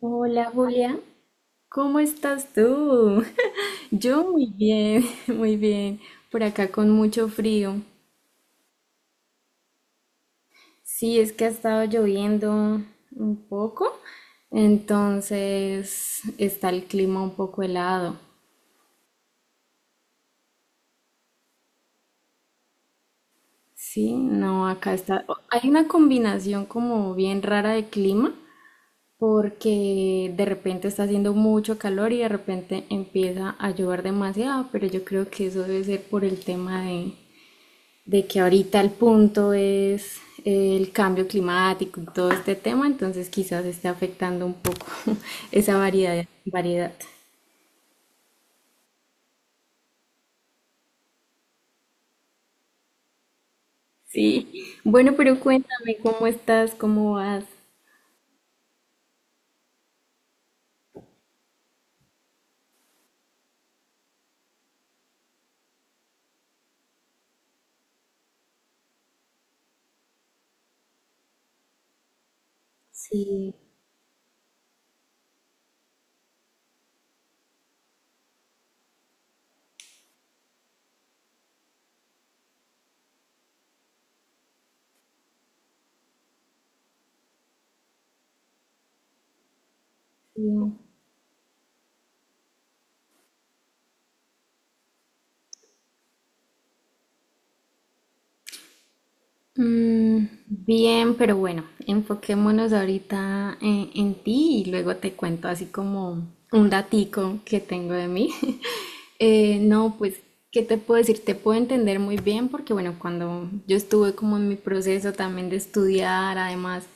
Hola Julia, ¿cómo estás tú? Yo muy bien, muy bien. Por acá con mucho frío. Sí, es que ha estado lloviendo un poco, entonces está el clima un poco helado. Sí, no, acá está. Hay una combinación como bien rara de clima porque de repente está haciendo mucho calor y de repente empieza a llover demasiado, pero yo creo que eso debe ser por el tema de que ahorita el punto es el cambio climático y todo este tema, entonces quizás esté afectando un poco esa variedad, variedad. Sí, bueno, pero cuéntame cómo estás, cómo vas. Sí, bien. Bien, pero bueno, enfoquémonos ahorita en ti y luego te cuento así como un datico que tengo de mí. No, pues, ¿qué te puedo decir? Te puedo entender muy bien porque, bueno, cuando yo estuve como en mi proceso también de estudiar, además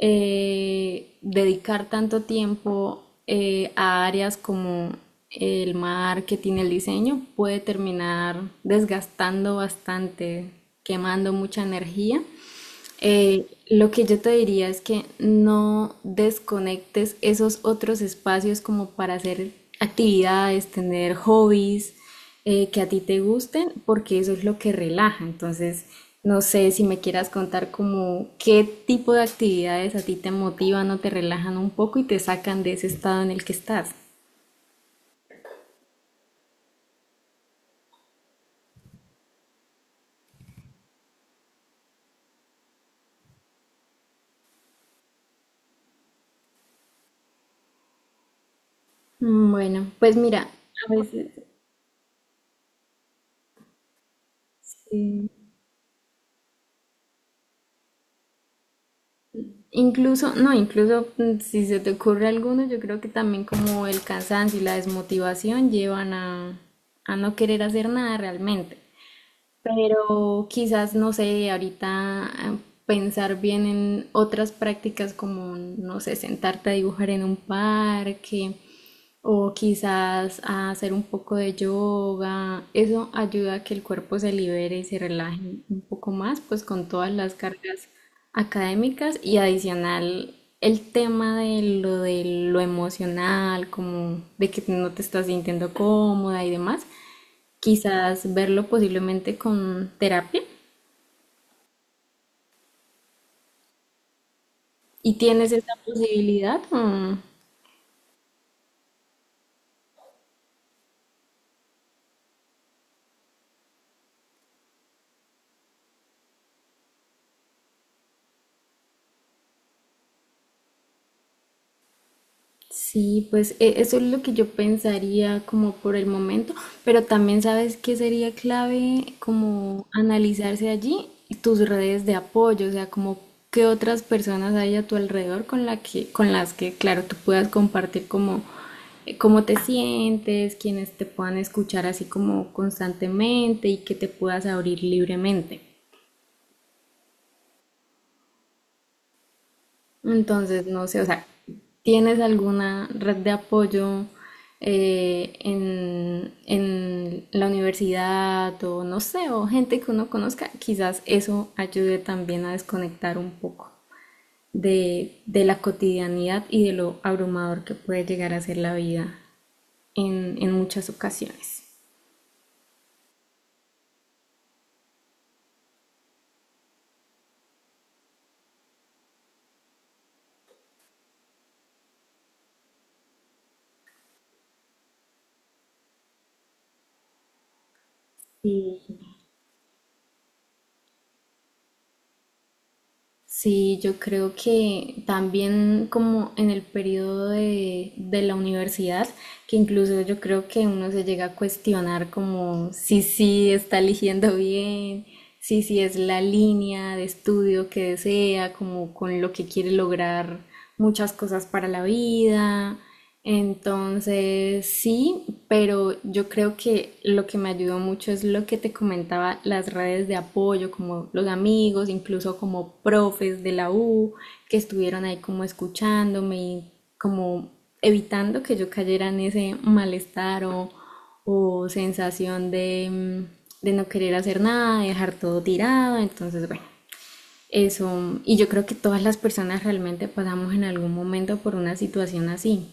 dedicar tanto tiempo a áreas como el marketing, el diseño, puede terminar desgastando bastante, quemando mucha energía. Lo que yo te diría es que no desconectes esos otros espacios como para hacer actividades, tener hobbies, que a ti te gusten, porque eso es lo que relaja. Entonces, no sé si me quieras contar como qué tipo de actividades a ti te motivan o te relajan un poco y te sacan de ese estado en el que estás. Bueno, pues mira, a veces sí. Incluso, no, incluso si se te ocurre alguno, yo creo que también como el cansancio y la desmotivación llevan a no querer hacer nada realmente. Pero quizás, no sé, ahorita pensar bien en otras prácticas como, no sé, sentarte a dibujar en un parque o quizás a hacer un poco de yoga. Eso ayuda a que el cuerpo se libere y se relaje un poco más, pues con todas las cargas académicas y adicional el tema de lo emocional, como de que no te estás sintiendo cómoda y demás quizás verlo posiblemente con terapia. ¿Y tienes esa posibilidad? Mm, sí, pues eso es lo que yo pensaría como por el momento, pero también sabes que sería clave como analizarse allí tus redes de apoyo, o sea, como qué otras personas hay a tu alrededor con la que, con las que, claro, tú puedas compartir como cómo te sientes, quienes te puedan escuchar así como constantemente y que te puedas abrir libremente. Entonces, no sé, o sea, ¿tienes alguna red de apoyo en la universidad o no sé, o gente que uno conozca? Quizás eso ayude también a desconectar un poco de la cotidianidad y de lo abrumador que puede llegar a ser la vida en muchas ocasiones. Sí, yo creo que también como en el periodo de la universidad, que incluso yo creo que uno se llega a cuestionar como si sí está eligiendo bien, si sí es la línea de estudio que desea, como con lo que quiere lograr muchas cosas para la vida. Entonces, sí, pero yo creo que lo que me ayudó mucho es lo que te comentaba, las redes de apoyo, como los amigos, incluso como profes de la U, que estuvieron ahí como escuchándome y como evitando que yo cayera en ese malestar o sensación de, de no querer hacer nada, de dejar todo tirado. Entonces, bueno, eso. Y yo creo que todas las personas realmente pasamos en algún momento por una situación así.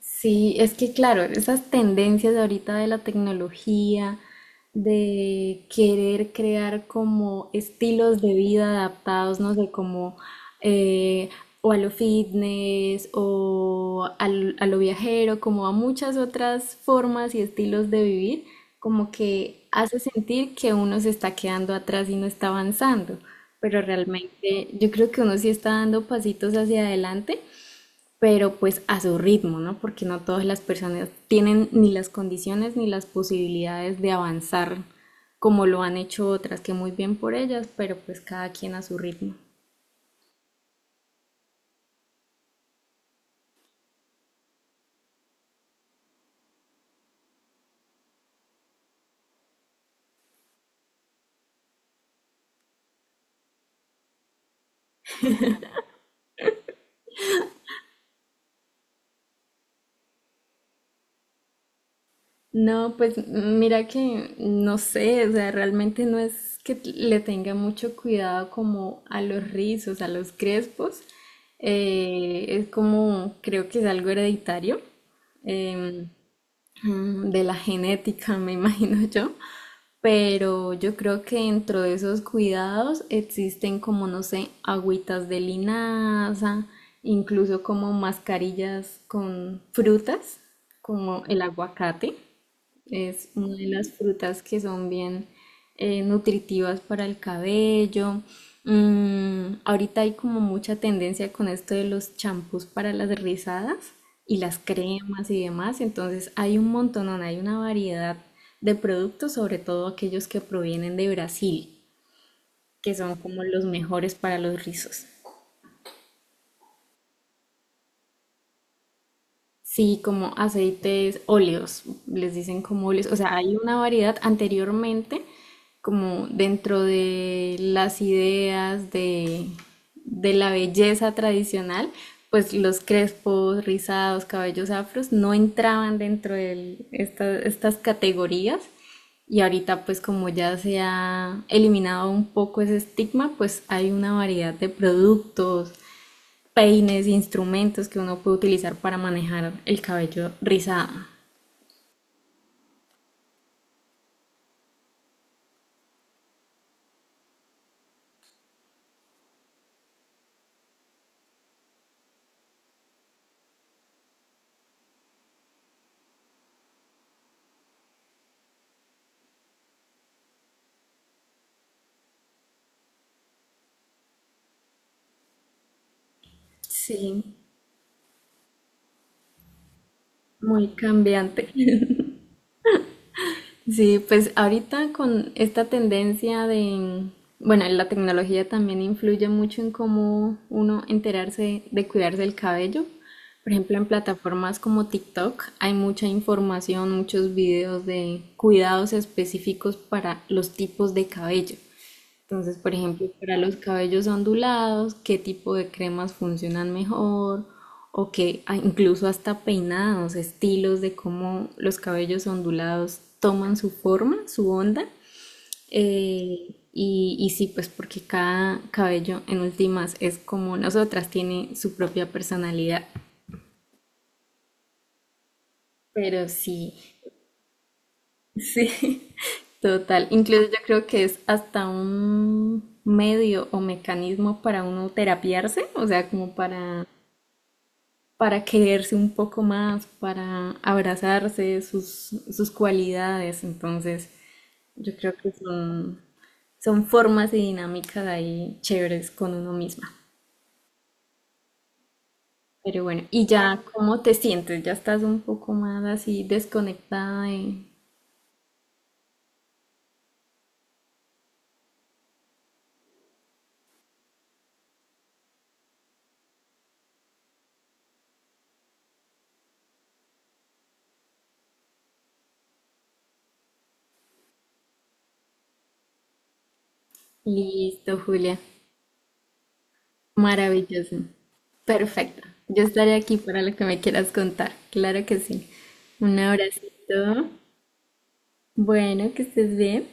Sí, es que claro, esas tendencias ahorita de la tecnología, de querer crear como estilos de vida adaptados, no sé, como eh, o a lo fitness o a lo viajero, como a muchas otras formas y estilos de vivir, como que hace sentir que uno se está quedando atrás y no está avanzando, pero realmente yo creo que uno sí está dando pasitos hacia adelante pero pues a su ritmo, ¿no? Porque no todas las personas tienen ni las condiciones ni las posibilidades de avanzar como lo han hecho otras, que muy bien por ellas, pero pues cada quien a su ritmo. No, pues mira que no sé, o sea, realmente no es que le tenga mucho cuidado como a los rizos, a los crespos, es como, creo que es algo hereditario. em, de la genética, me imagino yo, pero yo creo que dentro de esos cuidados existen como, no sé, agüitas de linaza, incluso como mascarillas con frutas, como el aguacate. Es una de las frutas que son bien nutritivas para el cabello. Mm, ahorita hay como mucha tendencia con esto de los champús para las rizadas y las cremas y demás. Entonces hay un montón, hay una variedad de productos, sobre todo aquellos que provienen de Brasil, que son como los mejores para los rizos. Sí, como aceites óleos, les dicen como óleos. O sea, hay una variedad anteriormente, como dentro de las ideas de la belleza tradicional, pues los crespos, rizados, cabellos afros no entraban dentro de estas categorías. Y ahorita, pues como ya se ha eliminado un poco ese estigma, pues hay una variedad de productos, peines, instrumentos que uno puede utilizar para manejar el cabello rizado. Sí, muy cambiante. Sí, pues ahorita con esta tendencia de, bueno, la tecnología también influye mucho en cómo uno enterarse de cuidarse el cabello. Por ejemplo, en plataformas como TikTok hay mucha información, muchos videos de cuidados específicos para los tipos de cabello. Entonces, por ejemplo, para los cabellos ondulados, ¿qué tipo de cremas funcionan mejor? O que ah, incluso hasta peinados, estilos de cómo los cabellos ondulados toman su forma, su onda. Y, y sí, pues porque cada cabello en últimas es como nosotras, tiene su propia personalidad. Pero sí, sí, total. Incluso yo creo que es hasta un medio o mecanismo para uno terapiarse, o sea, como para quererse un poco más, para abrazarse sus, sus cualidades. Entonces, yo creo que son, son formas y dinámicas ahí chéveres con uno misma. Pero bueno, ¿y ya cómo te sientes? ¿Ya estás un poco más así desconectada? Y listo, Julia. Maravilloso. Perfecto. Yo estaré aquí para lo que me quieras contar. Claro que sí. Un abracito. Bueno, que estés bien.